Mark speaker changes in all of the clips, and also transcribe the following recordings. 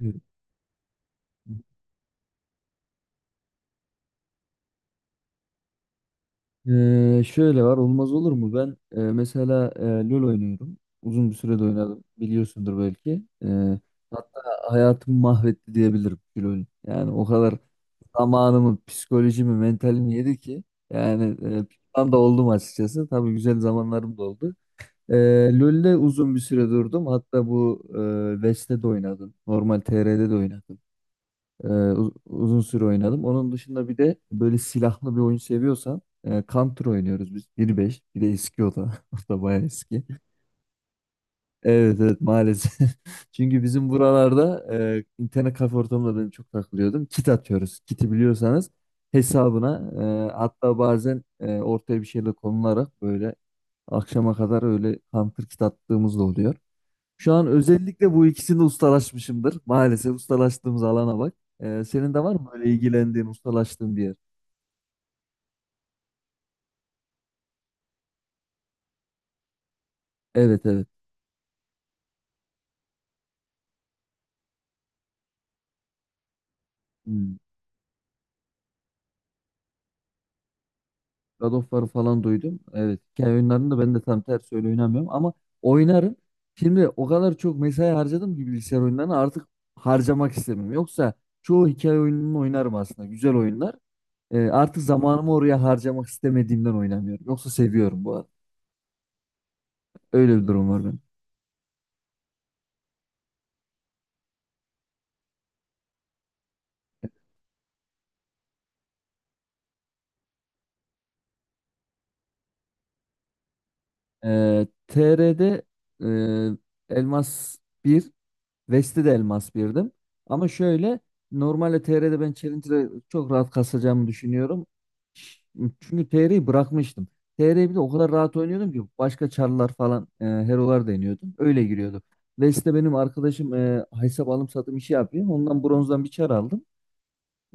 Speaker 1: Evet. Şöyle var olmaz olur mu? Ben mesela LoL oynuyorum. Uzun bir sürede oynadım. Biliyorsundur belki. Hatta hayatımı mahvetti diyebilirim LoL. Yani o kadar zamanımı, psikolojimi, mentalimi yedi ki yani pişman da oldum açıkçası. Tabii güzel zamanlarım da oldu. LoL'de uzun bir süre durdum. Hatta bu West'te de oynadım. Normal TR'de de oynadım. Uzun süre oynadım. Onun dışında bir de böyle silahlı bir oyun seviyorsan Counter oynuyoruz biz. 1.5, bir de eski o da. O da bayağı eski. Evet, evet, maalesef. Çünkü bizim buralarda internet kafe ortamında ben çok takılıyordum. Kit atıyoruz. Kiti biliyorsanız hesabına hatta bazen ortaya bir şeyle konularak böyle akşama kadar öyle Counter kit attığımız da oluyor. Şu an özellikle bu ikisini ustalaşmışımdır. Maalesef ustalaştığımız alana bak. Senin de var mı böyle ilgilendiğin, ustalaştığın bir yer? Evet, evet. Hmm. God of War'ı falan duydum. Evet. Hikaye oyunlarını da ben de tam tersi öyle oynamıyorum ama oynarım. Şimdi o kadar çok mesai harcadım ki bilgisayar oyunlarına artık harcamak istemiyorum. Yoksa çoğu hikaye oyununu oynarım aslında. Güzel oyunlar. Artık zamanımı oraya harcamak istemediğimden oynamıyorum. Yoksa seviyorum bu arada. Öyle bir durum var benim. TR'de e, Elmas bir, vesti de Elmas birdim. Ama şöyle normalde TR'de ben Challenger'ı çok rahat kasacağımı düşünüyorum. Ş- Çünkü TR'yi bırakmıştım. TR'yi bir de o kadar rahat oynuyordum ki başka çarlar falan herolar deniyordum. Öyle giriyordum. Vest'te benim arkadaşım hesap alım satım işi yapıyor. Ondan bronzdan bir çar aldım.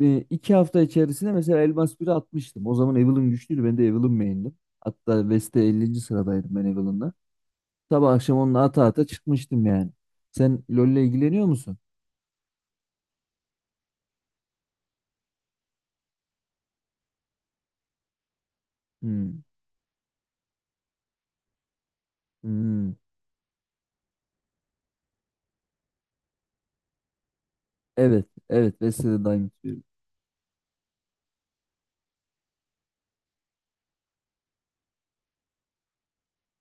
Speaker 1: E, 2 hafta içerisinde mesela Elmas biri atmıştım. O zaman Evelynn güçlüydü. Ben de Evelynn main'dim. Hatta West'te 50. sıradaydım ben Evelyn'da. Sabah akşam onunla ata ata çıkmıştım yani. Sen LoL'le ilgileniyor musun? Hmm. Hmm. Evet, evet, Vesile Diamond diyorum.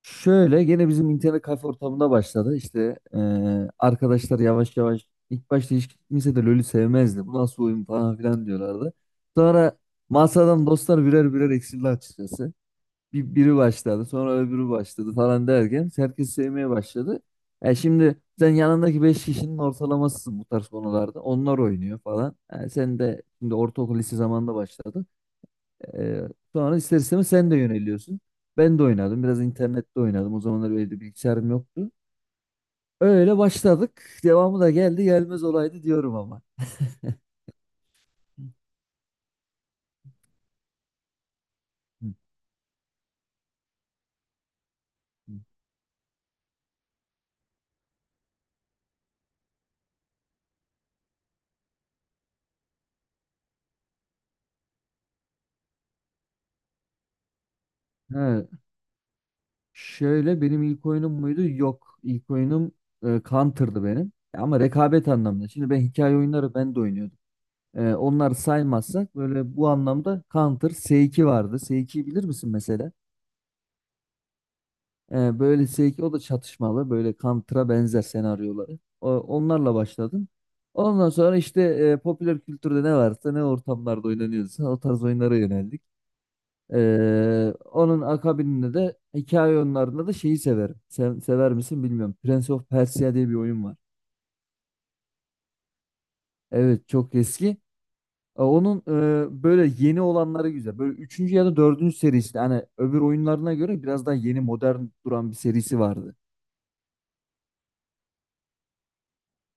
Speaker 1: Şöyle gene bizim internet kafe ortamında başladı. İşte arkadaşlar yavaş yavaş ilk başta hiç kimse de LoL'ü sevmezdi. Bu nasıl oyun falan filan diyorlardı. Sonra masadan dostlar birer birer eksildi açıkçası. Biri başladı sonra öbürü başladı falan derken herkes sevmeye başladı. Şimdi sen yanındaki 5 kişinin ortalamasısın bu tarz konularda. Onlar oynuyor falan. Sen de şimdi ortaokul lise zamanında başladın. E, sonra ister istemez sen de yöneliyorsun. Ben de oynadım. Biraz internette oynadım. O zamanlar böyle de bilgisayarım yoktu. Öyle başladık. Devamı da geldi gelmez olaydı diyorum ama. Hı. He, şöyle benim ilk oyunum muydu? Yok. İlk oyunum Counter'dı benim. Ama rekabet anlamında. Şimdi ben hikaye oyunları ben de oynuyordum. Onları saymazsak böyle bu anlamda Counter S2 vardı. S2'yi bilir misin mesela? Böyle S2 o da çatışmalı. Böyle Counter'a benzer senaryoları. Onlarla başladım. Ondan sonra işte popüler kültürde ne varsa ne ortamlarda oynanıyorsa o tarz oyunlara yöneldik. Onun akabinde de hikaye oyunlarında da şeyi severim. Sen sever misin bilmiyorum. Prince of Persia diye bir oyun var. Evet, çok eski. Onun böyle yeni olanları güzel. Böyle üçüncü ya da dördüncü serisi. Hani öbür oyunlarına göre biraz daha yeni modern duran bir serisi vardı.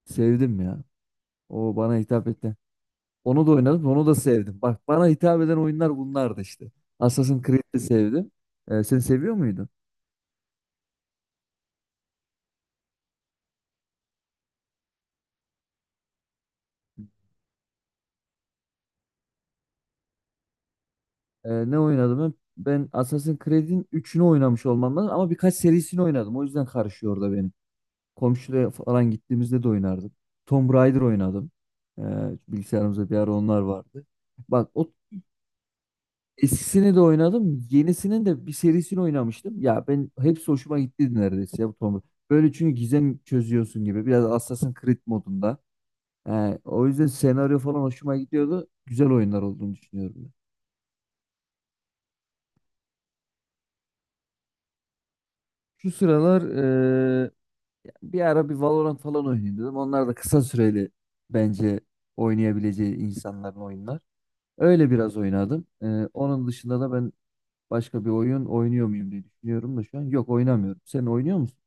Speaker 1: Sevdim ya. O bana hitap etti. Onu da oynadım. Onu da sevdim. Bak, bana hitap eden oyunlar bunlardı işte. Assassin's Creed'i de sevdim. Sen seviyor muydun? Ne oynadım ben? Ben Assassin's Creed'in üçünü oynamış olmam lazım ama birkaç serisini oynadım. O yüzden karışıyor orada benim. Komşuya falan gittiğimizde de oynardım. Tomb Raider oynadım. Ee, bilgisayarımızda bir ara onlar vardı. Bak, o eskisini de oynadım. Yenisinin de bir serisini oynamıştım. Ya ben hepsi hoşuma gitti neredeyse ya bu Tomb Raider. Böyle çünkü gizem çözüyorsun gibi. Biraz Assassin's Creed modunda. O yüzden senaryo falan hoşuma gidiyordu. Güzel oyunlar olduğunu düşünüyorum ben. Şu sıralar bir ara bir Valorant falan oynayayım dedim. Onlar da kısa süreli bence oynayabileceği insanların oyunlar. Öyle biraz oynadım. Onun dışında da ben başka bir oyun oynuyor muyum diye düşünüyorum da şu an. Yok, oynamıyorum. Sen oynuyor musun?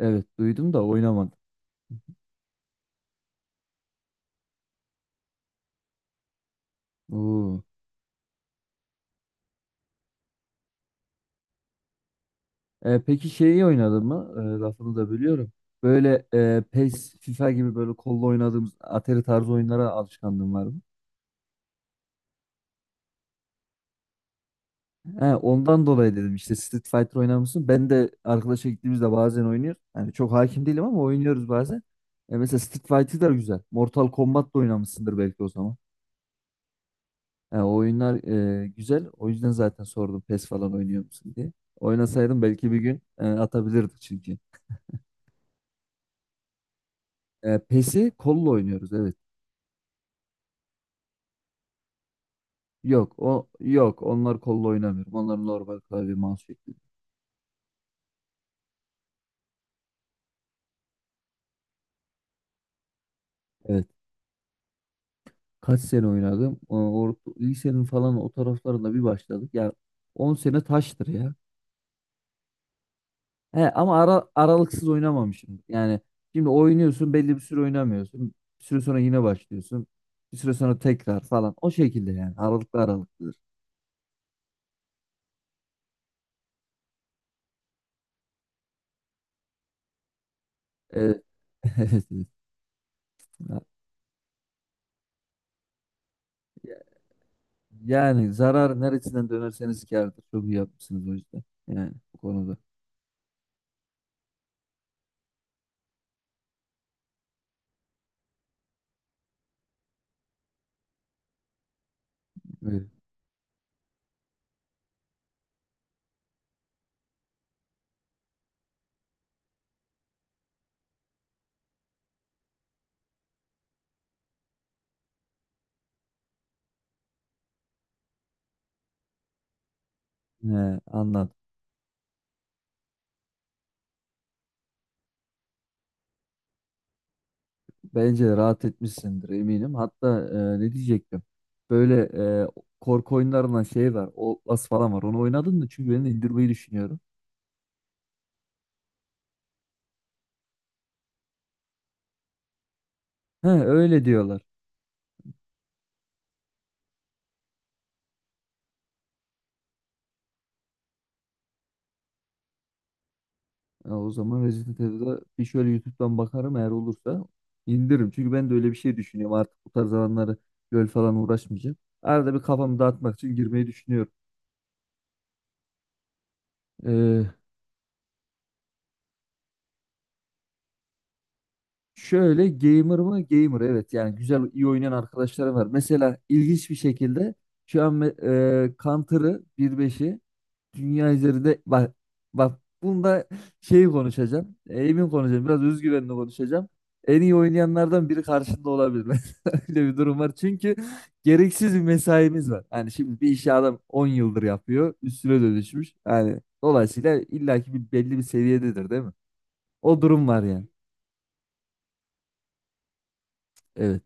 Speaker 1: Evet, duydum da oynamadım. Oo. Peki şeyi oynadın mı? Lafını da bölüyorum. Böyle PES, FIFA gibi böyle kolla oynadığımız Atari tarzı oyunlara alışkanlığın var mı? He, ondan dolayı dedim işte Street Fighter oynar mısın? Ben de arkadaşa gittiğimizde bazen oynuyor. Yani çok hakim değilim ama oynuyoruz bazen. Mesela Street Fighter da güzel. Mortal Kombat da oynamışsındır belki o zaman. Yani o oyunlar güzel. O yüzden zaten sordum PES falan oynuyor musun diye. Oynasaydım belki bir gün atabilirdik çünkü. PES'i kolla oynuyoruz evet. Yok, o yok, onlar kolla oynamıyorum. Onlar normal klavye mouse şeklinde. Evet. Kaç sene oynadım. Orta, lisenin falan o taraflarında bir başladık. Ya 10 sene taştır ya. He, ama aralıksız oynamamışım. Yani şimdi oynuyorsun belli bir süre oynamıyorsun. Bir süre sonra yine başlıyorsun. Bir süre sonra tekrar falan. O şekilde yani. Aralıklı aralıklıdır. Evet. Evet, evet. Ya- Yani zarar neresinden dönerseniz kârdır. Çok iyi yapmışsınız o yüzden. Yani bu konuda. Evet. He, anladım. Bence rahat etmişsindir eminim. Hatta ne diyecektim? Böyle e, korku oyunlarından şey var. Outlast falan var. Onu oynadın mı? Çünkü ben indirmeyi düşünüyorum. He, öyle diyorlar. Ya, o zaman Resident Evil'a bir şöyle YouTube'dan bakarım, eğer olursa indiririm. Çünkü ben de öyle bir şey düşünüyorum. Artık bu tarz alanları göl falan uğraşmayacağım. Arada bir kafamı dağıtmak için girmeyi düşünüyorum. E, Şöyle gamer mı? Gamer, evet, yani güzel iyi oynayan arkadaşlarım var. Mesela ilginç bir şekilde şu an Counter'ı 1.5'i dünya üzerinde bak, bak bunda şeyi konuşacağım. Emin konuşacağım. Biraz özgüvenli konuşacağım. En iyi oynayanlardan biri karşında olabilir. Mesela öyle bir durum var. Çünkü gereksiz bir mesaimiz var. Yani şimdi bir işi adam 10 yıldır yapıyor. Üstüne dönüşmüş. Yani dolayısıyla illaki bir belli bir seviyededir değil mi? O durum var yani. Evet.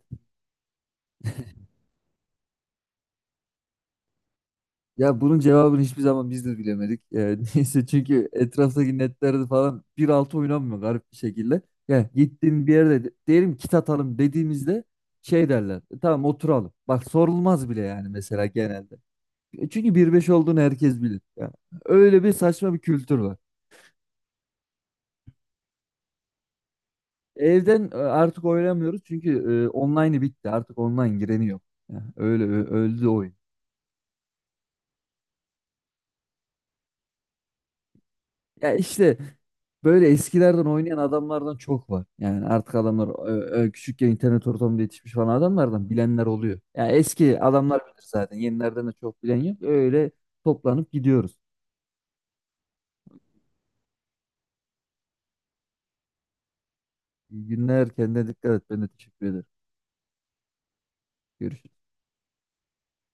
Speaker 1: Ya bunun cevabını hiçbir zaman biz de bilemedik. Neyse, çünkü etraftaki netlerde falan 1.6 oynanmıyor garip bir şekilde. Yani gittiğim bir yerde diyelim kit atalım dediğimizde şey derler. "Tamam oturalım. Bak, sorulmaz bile yani mesela genelde. Çünkü 1.5 olduğunu herkes bilir. Yani öyle bir saçma bir kültür var. Evden artık oynamıyoruz çünkü online'ı bitti. Artık online gireni yok. Yani öyle öldü oyun. Ya işte böyle eskilerden oynayan adamlardan çok var. Yani artık adamlar küçükken internet ortamında yetişmiş falan adamlardan bilenler oluyor. Yani eski adamlar bilir zaten. Yenilerden de çok bilen yok. Öyle toplanıp gidiyoruz. İyi günler. Kendine dikkat et. Ben de teşekkür ederim. Görüşürüz.